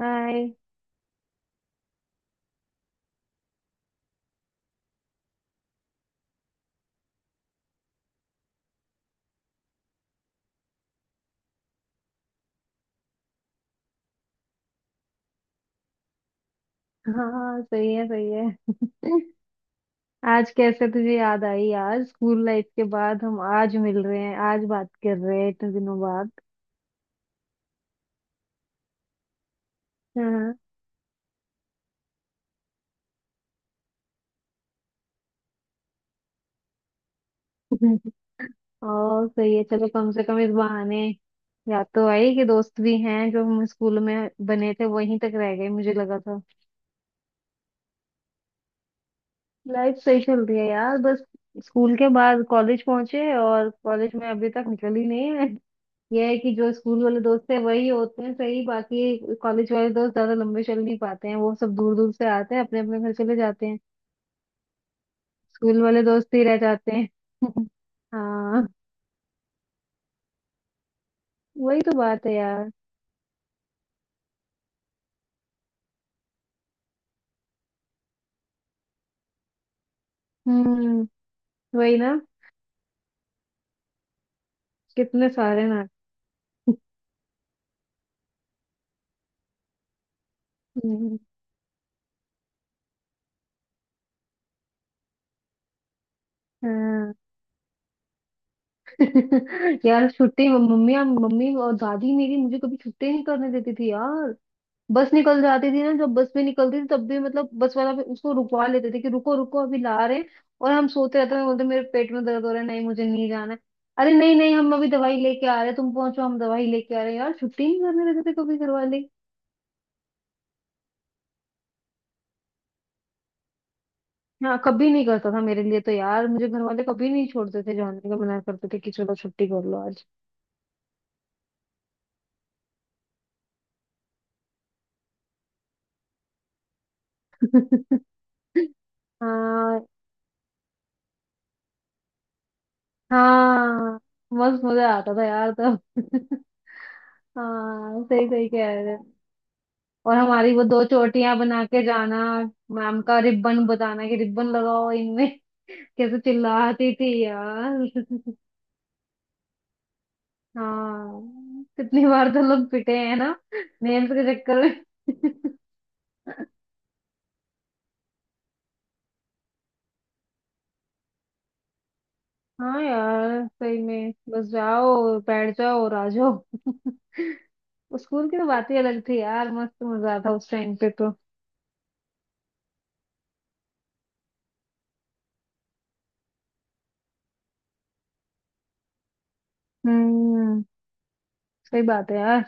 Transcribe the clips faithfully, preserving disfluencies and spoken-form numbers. हाय। हाँ सही है, सही है। आज कैसे तुझे याद आई यार? स्कूल लाइफ के बाद हम आज मिल रहे हैं, आज बात कर रहे हैं इतने दिनों बाद। हाँ। और सही है। चलो कम से कम इस बहाने याद तो आई कि दोस्त भी हैं, जो हम स्कूल में बने थे वहीं तक रह गए मुझे लगा था। लाइफ सही चल रही है यार। बस स्कूल के बाद कॉलेज पहुंचे और कॉलेज में अभी तक निकल ही नहीं है। ये है कि जो स्कूल वाले दोस्त है वही होते हैं सही, बाकी कॉलेज वाले दोस्त ज्यादा लंबे चल नहीं पाते हैं। वो सब दूर दूर से आते हैं, अपने अपने घर चले जाते हैं। स्कूल वाले दोस्त ही रह जाते हैं। हाँ, वही तो बात है यार। हम्म। वही ना। कितने सारे ना। हम्म, हाँ। यार छुट्टी मम्मी मम्मी और दादी मेरी, मुझे कभी छुट्टी नहीं करने देती थी यार। बस निकल जाती थी ना, जब बस भी निकलती थी तब भी, मतलब बस वाला भी उसको रुकवा लेते थे कि रुको रुको अभी ला रहे हैं। और हम सोते रहते थे, बोलते मेरे पेट में दर्द हो रहा है, नहीं मुझे नहीं जाना है। अरे नहीं नहीं, हम अभी दवाई लेके आ रहे हैं, तुम पहुंचो, हम दवाई लेके आ रहे हैं यार। छुट्टी नहीं करने देते थे कभी घर वाले। हाँ कभी नहीं करता था मेरे लिए तो यार। मुझे घर वाले कभी नहीं छोड़ते थे, जाने का मना करते थे कि चलो छुट्टी कर लो आज। हाँ। हाँ मस्त मजा आता था यार तब। हाँ सही सही कह रहे। और हमारी वो दो चोटियां बना के जाना। मैम का रिबन बताना कि रिबन लगाओ इनमें। कैसे चिल्लाती थी यार। हाँ। कितनी बार तो लोग पिटे हैं ना, नेम्स के चक्कर में। हाँ यार सही में बस जाओ बैठ जाओ और आ जाओ। स्कूल की तो बात ही अलग थी यार, मस्त मजा आता उस टाइम पे तो। हम्म। सही बात है यार।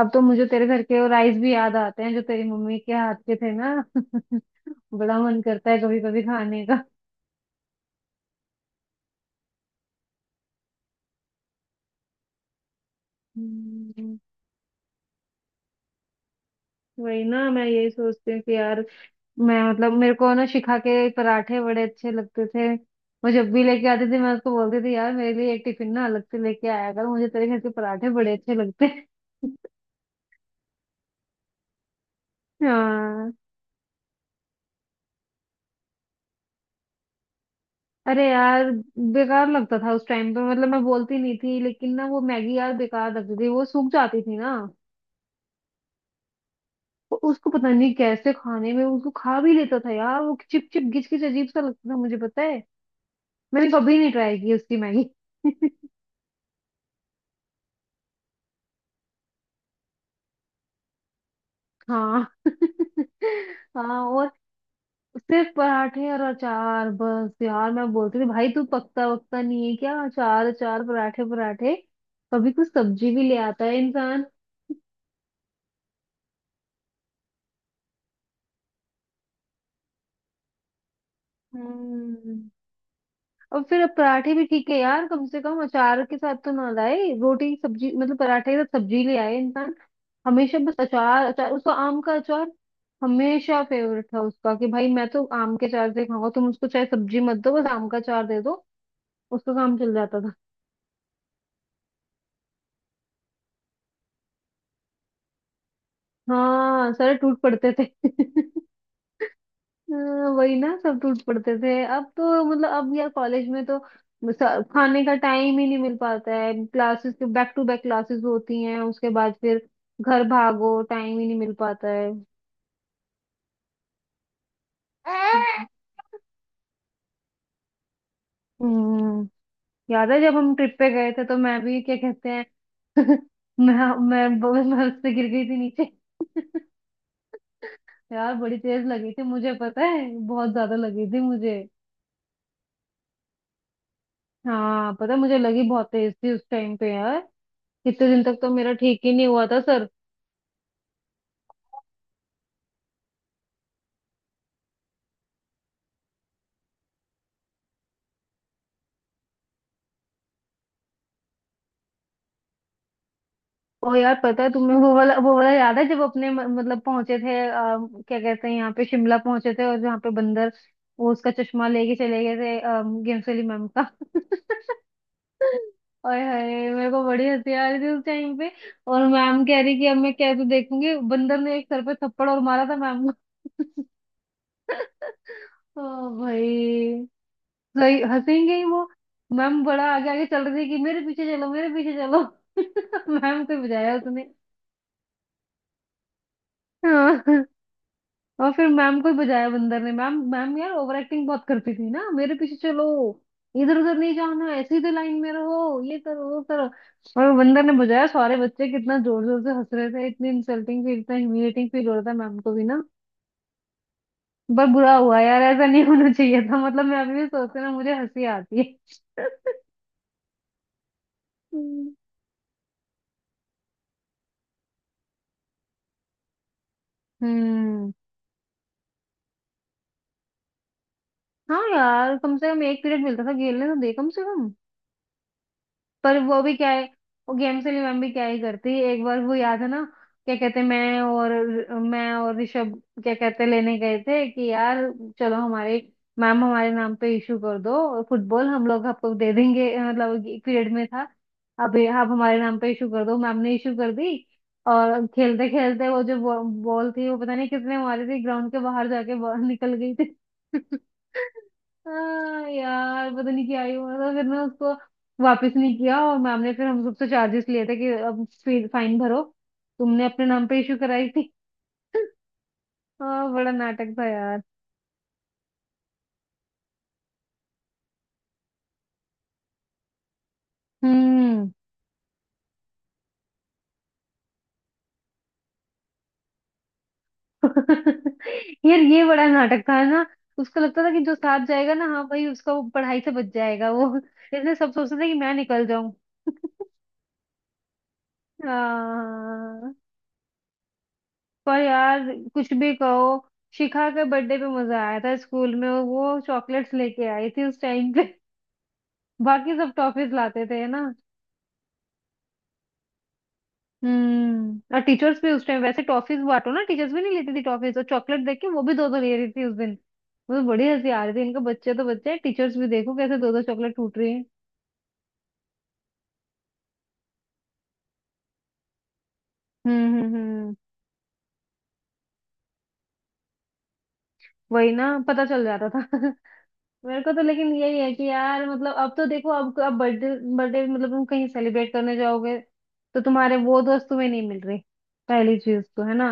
अब तो मुझे तेरे घर के वो राइस भी याद आते हैं, जो तेरी मम्मी के हाथ के थे ना। बड़ा मन करता है कभी कभी खाने का। हम्म, वही ना। मैं यही सोचती हूँ कि यार, मैं मतलब मेरे को ना शिखा के पराठे बड़े अच्छे लगते थे। वो जब भी लेके आती थी मैं उसको बोलती थी, यार मेरे लिए एक टिफिन ना अलग से लेके आया कर, मुझे तेरे घर के पराठे बड़े अच्छे लगते हैं। हाँ। अरे यार, बेकार लगता था उस टाइम पे। मतलब मैं बोलती नहीं थी लेकिन ना, वो मैगी यार बेकार लगती थी, वो सूख जाती थी ना। वो उसको पता नहीं कैसे खाने में, उसको खा भी लेता था यार। वो चिप चिप घिच घिच अजीब सा लगता था, मुझे पता है। मैंने कभी नहीं ट्राई की उसकी मैगी। हाँ। हाँ। और सिर्फ पराठे और अचार, बस यार मैं बोलती थी, भाई तू पकता वकता नहीं है क्या? अचार अचार पराठे पराठे, कभी कुछ सब्जी भी ले आता है इंसान। हम्म। और फिर अब पराठे भी ठीक है यार, कम से कम अचार के साथ तो ना लाए, रोटी सब्जी मतलब पराठे के साथ सब्जी ले आए इंसान। हमेशा बस अचार अचार, उसका आम का अचार हमेशा फेवरेट था उसका कि भाई मैं तो आम के अचार से खाऊंगा, तुम उसको चाहे सब्जी मत दो बस आम का अचार दे दो, उसका काम चल जाता था। हाँ सारे टूट पड़ते थे। हाँ, वही ना सब टूट पड़ते थे। अब तो मतलब अब यार कॉलेज में तो स- खाने का टाइम ही नहीं मिल पाता है, क्लासेस के बैक टू बैक क्लासेस होती हैं उसके बाद फिर घर भागो, टाइम ही नहीं मिल पाता है। हम्म। याद है जब हम ट्रिप पे गए थे तो मैं भी क्या कहते हैं, मैं मैं बहुत बर्फ से गिर गई थी नीचे। यार बड़ी तेज लगी थी, मुझे पता है, बहुत ज्यादा लगी थी मुझे। हाँ पता है, मुझे लगी बहुत तेज थी उस टाइम पे यार। कितने दिन तक तो मेरा ठीक ही नहीं हुआ था सर। और यार, पता है तुम्हें वो वाला वो वाला याद है जब अपने म- मतलब पहुंचे थे, आ, क्या कहते हैं यहाँ पे शिमला पहुंचे थे और जहाँ पे बंदर, वो उसका चश्मा लेके चले गए थे, अम, गेम्स वाली मैम का। ओए हाय। मेरे को बड़ी हंसी आ रही थी उस टाइम पे। और मैम कह रही कि अब मैं कैसे देखूंगी, बंदर ने एक सर पे थप्पड़ और मारा था मैम को। ओ भाई, सही हंसेंगे ही वो। मैम बड़ा आगे आगे चल रही थी कि मेरे पीछे चलो मेरे पीछे चलो। मैम को ही बजाया उसने। हाँ, और फिर मैम को ही बजाया बंदर ने। मैम मैम यार ओवर एक्टिंग बहुत करती थी ना, मेरे पीछे चलो, इधर उधर नहीं जाना, ऐसे ही तो लाइन में रहो, ये करो वो करो। और बंदर ने बजाया, सारे बच्चे कितना जोर जोर से हंस रहे थे, इतनी इंसल्टिंग फील, इतना ह्यूमिलेटिंग फील हो रहा था मैम को भी ना। बहुत बुरा हुआ यार, ऐसा नहीं होना चाहिए था, मतलब मैं अभी भी सोचते ना मुझे हंसी आती है। हम्म। हाँ यार कम से कम एक पीरियड मिलता था खेलने तो दे कम से कम। पर वो भी क्या है, वो गेम से भी मम्मी क्या ही करती है। एक बार वो याद है ना, क्या कहते हैं, मैं और मैं और ऋषभ क्या कहते हैं, लेने गए थे कि यार चलो हमारे मैम हमारे नाम पे इशू कर दो फुटबॉल, हम लोग आपको दे देंगे, मतलब एक पीरियड में था। अब ये आप हमारे नाम पे इशू कर दो, मैम ने इशू कर दी। और खेलते खेलते वो जो बॉ- बॉल थी वो पता नहीं किसने मारी थी, ग्राउंड के बाहर जाके बॉल निकल गई थी। हाँ यार पता नहीं क्या ही हुआ था, फिर मैं उसको वापस नहीं किया और मैम ने फिर हम सबसे चार्जेस लिए थे कि अब फाइन भरो, तुमने अपने नाम पे इशू कराई थी। हाँ बड़ा नाटक था यार। हम्म। यार ये बड़ा नाटक था ना। उसको लगता था कि जो साथ जाएगा ना, हाँ भाई, उसका वो पढ़ाई से बच जाएगा वो। इसलिए सब सोचते थे कि मैं निकल जाऊं। हाँ। पर यार कुछ भी कहो, शिखा के बर्थडे पे मजा आया था स्कूल में, वो चॉकलेट्स लेके आई थी उस टाइम पे। बाकी सब टॉफीज लाते थे ना। हम्म और टीचर्स भी उस टाइम, वैसे टॉफीज बांटो ना टीचर्स भी नहीं लेती थी, टॉफीज और चॉकलेट देख के वो भी दो दो ले रही थी उस दिन। मुझे बड़ी हंसी आ रही थी, इनके बच्चे तो बच्चे हैं, टीचर्स भी देखो कैसे दो दो चॉकलेट टूट रही है। हम्म हम्म हम्म। वही ना, पता चल जाता था। मेरे को तो लेकिन यही है कि यार, मतलब अब तो देखो, अब अब बर्थडे, बर्थडे मतलब तुम कहीं सेलिब्रेट करने जाओगे तो तुम्हारे वो दोस्त तुम्हें नहीं मिल रहे, पहली चीज तो है ना।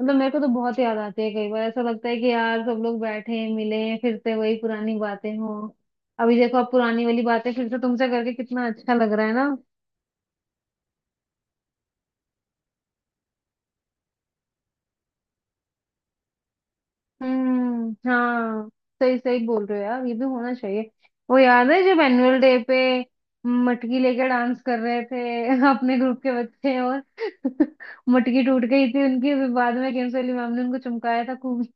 मतलब मेरे को तो बहुत याद आती है, कई बार ऐसा लगता है कि यार सब लोग बैठे मिले फिर से वही पुरानी बातें हो। अभी देखो, अब पुरानी वाली बातें फिर से तुमसे करके कितना अच्छा लग रहा है ना। हम्म। हाँ सही सही बोल रहे हो यार, ये भी होना चाहिए। वो याद है जब एनुअल डे पे मटकी लेकर डांस कर रहे थे अपने ग्रुप के बच्चे और मटकी टूट गई थी उनकी, फिर बाद में केम्स वाली मैम ने उनको चमकाया था खूब।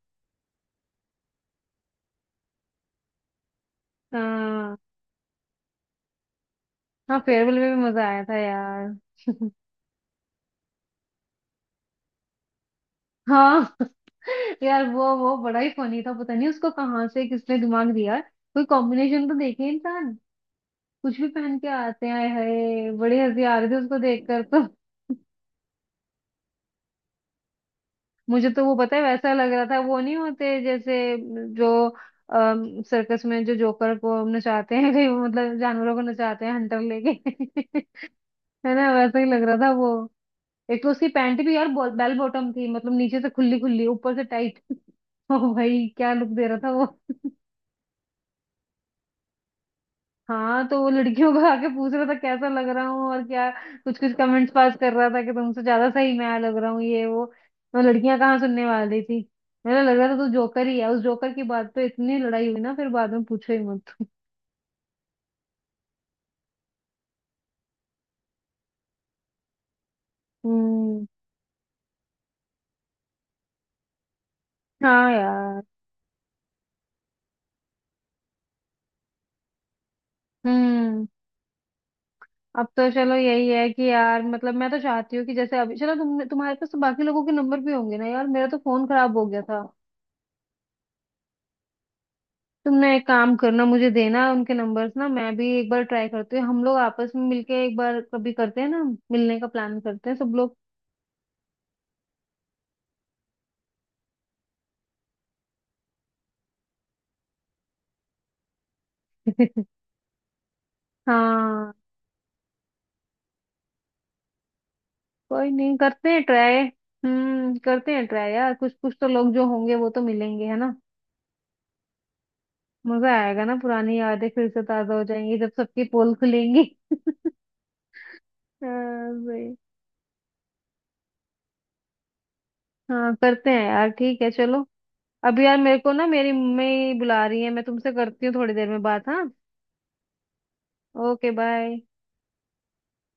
हाँ। हाँ फेयरवेल में भी मजा आया था यार। हाँ। यार वो वो बड़ा ही फनी था, पता नहीं उसको कहाँ से किसने दिमाग दिया, कोई कॉम्बिनेशन तो देखे इंसान, कुछ भी पहन के आते हैं, हाय हाय बड़ी हंसी आ रही थी उसको देखकर तो। मुझे तो वो पता है, वैसा लग रहा था, वो नहीं होते जैसे जो सर्कस में जो जोकर को नचाते हैं कहीं, वो मतलब जानवरों को नचाते हैं हंटर लेके। है ना, वैसा ही लग रहा था वो। एक तो उसकी पैंट भी यार बेल बॉटम थी, मतलब नीचे से खुली खुली ऊपर से टाइट। ओ भाई क्या लुक दे रहा था वो। हाँ तो वो लड़कियों को आके पूछ रहा था कैसा लग रहा हूँ और क्या, कुछ कुछ कमेंट्स पास कर रहा था कि तुमसे ज्यादा सही मैं लग रहा हूँ, ये वो, तो लड़कियां कहाँ सुनने वाली थी। मेरा लग रहा था तू जोकर ही है, उस जोकर की बात पे इतनी लड़ाई हुई ना फिर बाद में पूछो ही मत। हम्म। हाँ यार। हम्म। अब तो चलो यही है कि यार, मतलब मैं तो चाहती हूँ कि जैसे अभी चलो, तुमने, तुम्हारे पास तो बाकी लोगों के नंबर भी होंगे ना यार, मेरा तो फोन खराब हो गया था। तुम एक काम करना, मुझे देना उनके नंबर्स ना, मैं भी एक बार ट्राई करती हूँ, हम लोग आपस में मिलके एक बार कभी करते हैं ना, मिलने का प्लान करते हैं सब लोग। हाँ कोई नहीं, करते हैं ट्राई। हम्म, करते हैं ट्राई यार, कुछ कुछ तो लोग जो होंगे वो तो मिलेंगे है ना। मजा आएगा ना, पुरानी यादें फिर से ताजा हो जाएंगी जब सबकी पोल खुलेंगी। हाँ भाई। हाँ करते हैं यार, ठीक है चलो। अब यार मेरे को ना, मेरी मम्मी बुला रही है, मैं तुमसे करती हूँ थोड़ी देर में बात, हाँ। Okay bye.